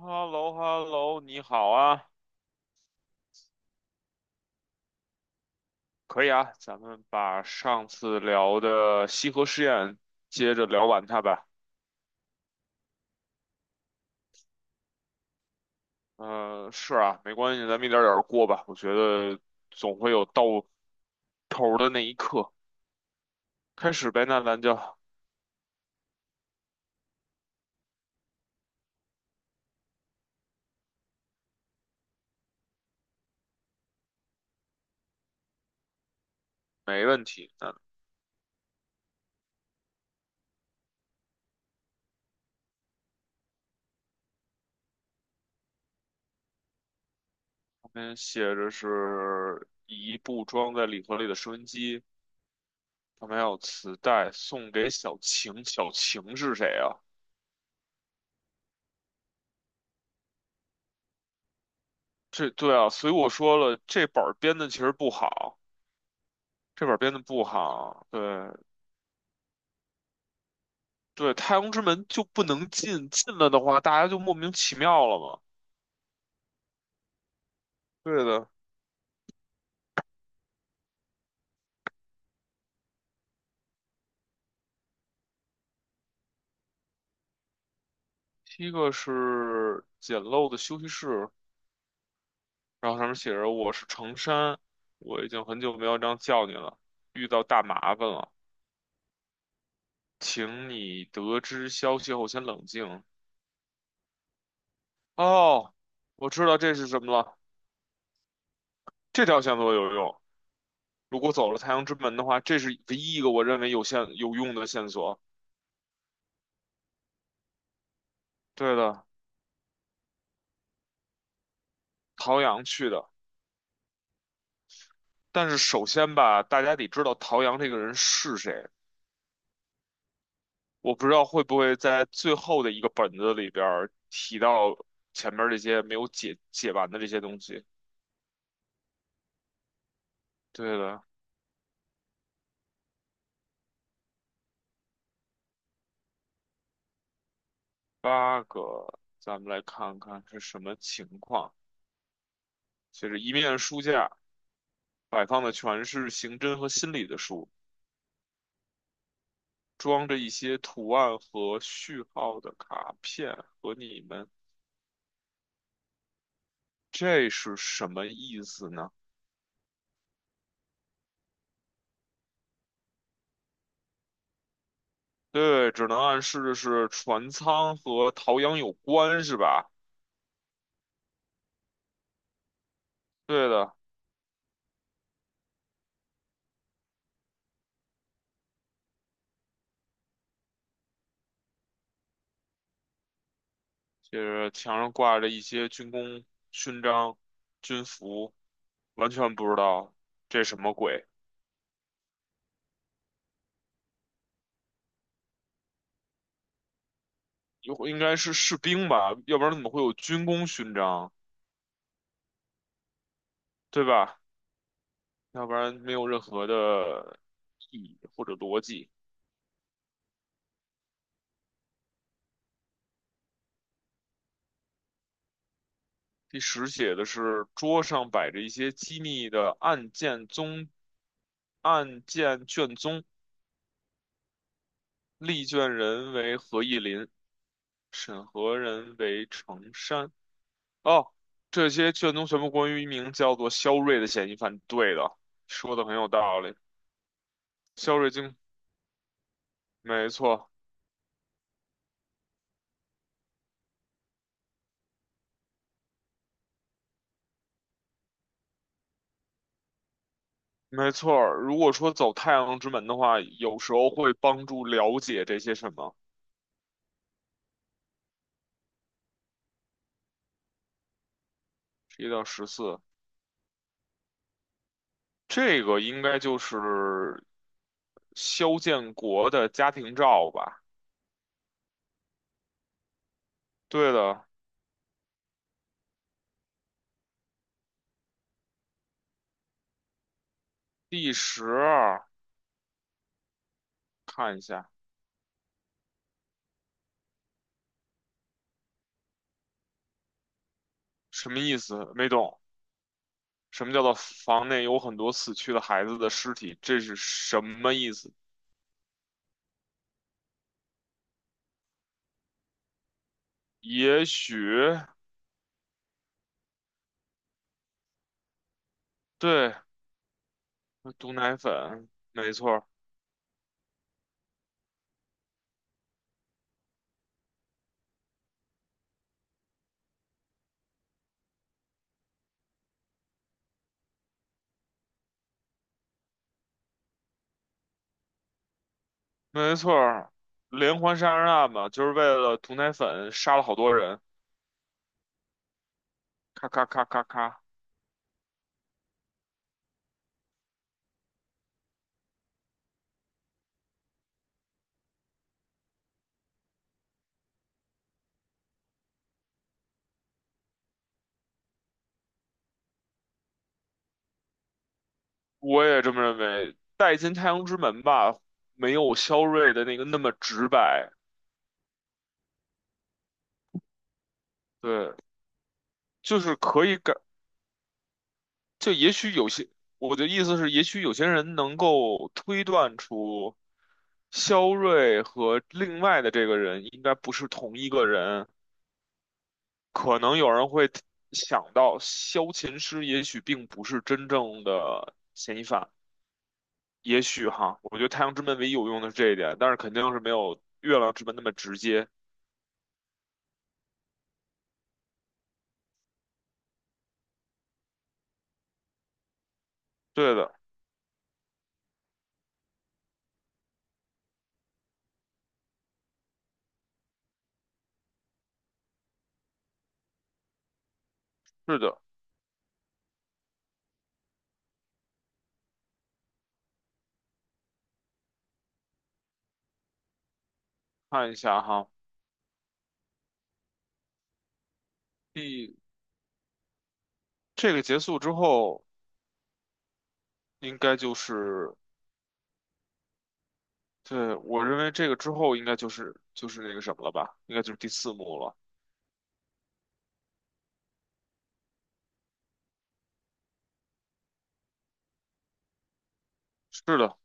h e l l o h e l l o 你好啊。可以啊，咱们把上次聊的西河实验接着聊完它吧。嗯、是啊，没关系，咱们一点儿点儿过吧。我觉得总会有到头儿的那一刻。开始呗，那咱就没问题。那旁边写着是一部装在礼盒里的收音机，旁边还有磁带，送给小晴。小晴是谁啊？这对啊，所以我说了，这本儿编的其实不好。这本儿编的不好，对。对，太阳之门就不能进，进了的话，大家就莫名其妙了嘛。对的。第一个是简陋的休息室，然后上面写着“我是程山”，我已经很久没有这样叫你了，遇到大麻烦了，请你得知消息后先冷静。哦，我知道这是什么了，这条线索有用。如果走了太阳之门的话，这是唯一一个我认为有线有用的线索。对的，陶阳去的。但是首先吧，大家得知道陶阳这个人是谁。我不知道会不会在最后的一个本子里边儿提到前面这些没有解完的这些东西。对了，八个，咱们来看看是什么情况。就是一面书架摆放的全是刑侦和心理的书，装着一些图案和序号的卡片和你们，这是什么意思呢？对，只能暗示的是船舱和陶阳有关，是吧？对的。就是墙上挂着一些军功勋章、军服，完全不知道这什么鬼。有应该是士兵吧，要不然怎么会有军功勋章，对吧？要不然没有任何的意义或者逻辑。第十写的是桌上摆着一些机密的案件卷宗，立卷人为何意林。审核人为成山。哦，这些卷宗全部关于一名叫做肖瑞的嫌疑犯。对的，说的很有道理。肖瑞经，没错。没错儿，如果说走太阳之门的话，有时候会帮助了解这些什么。一到十四，这个应该就是肖建国的家庭照吧？对的。第十二，看一下什么意思？没懂。什么叫做房内有很多死去的孩子的尸体？这是什么意思？也许。对，毒奶粉，没错儿。没错儿，连环杀人案嘛，就是为了毒奶粉杀了好多人，咔咔咔咔咔。我也这么认为，《带进太阳之门》吧，没有肖瑞的那个那么直白。对，就是可以感，就也许有些，我的意思是，也许有些人能够推断出。肖瑞和另外的这个人应该不是同一个人，可能有人会想到萧琴师也许并不是真正的嫌疑犯，也许哈，我觉得太阳之门唯一有用的是这一点，但是肯定是没有月亮之门那么直接。对的。是的。看一下哈，第，这个结束之后，应该就是，对，我认为这个之后应该就是那个什么了吧，应该就是第四幕了。是的，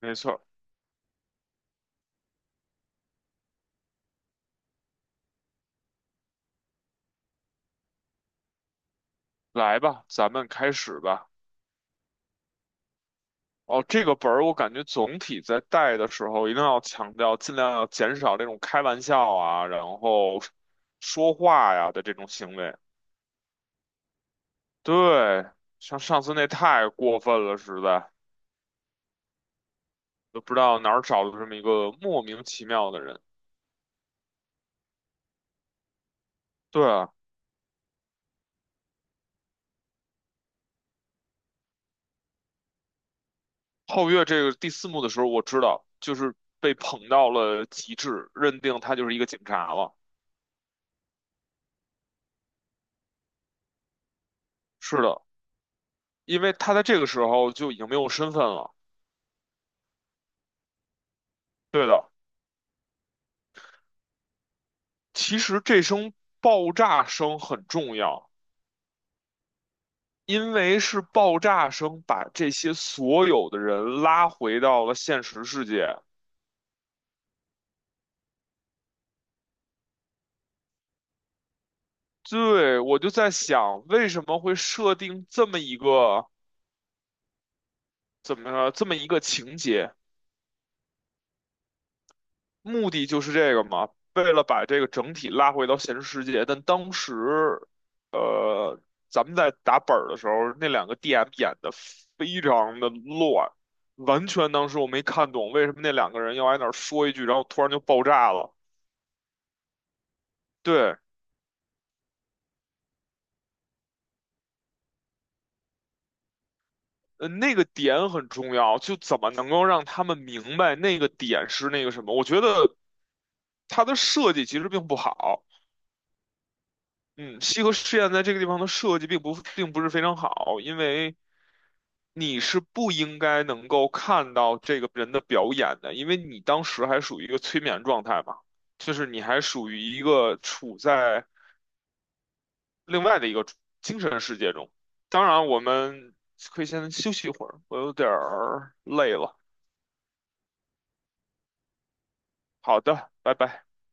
没错儿。来吧，咱们开始吧。哦，这个本儿我感觉总体在带的时候，一定要强调，尽量要减少这种开玩笑啊，然后说话呀的这种行为。对，像上次那太过分了，实在都不知道哪儿找的这么一个莫名其妙的人。对啊，后月这个第四幕的时候，我知道就是被捧到了极致，认定他就是一个警察了。是的，因为他在这个时候就已经没有身份了。对的。其实这声爆炸声很重要，因为是爆炸声把这些所有的人拉回到了现实世界。对，我就在想，为什么会设定这么一个怎么这么一个情节？目的就是这个嘛，为了把这个整体拉回到现实世界。但当时，呃，咱们在打本儿的时候，那两个 DM 演的非常的乱，完全当时我没看懂为什么那两个人要挨那儿说一句，然后突然就爆炸了。对，那个点很重要，就怎么能够让他们明白那个点是那个什么？我觉得它的设计其实并不好。嗯，西河试验在这个地方的设计并不是非常好，因为你是不应该能够看到这个人的表演的，因为你当时还属于一个催眠状态嘛，就是你还属于一个处在另外的一个精神世界中。当然，我们可以先休息一会儿，我有点儿累了。好的，拜拜。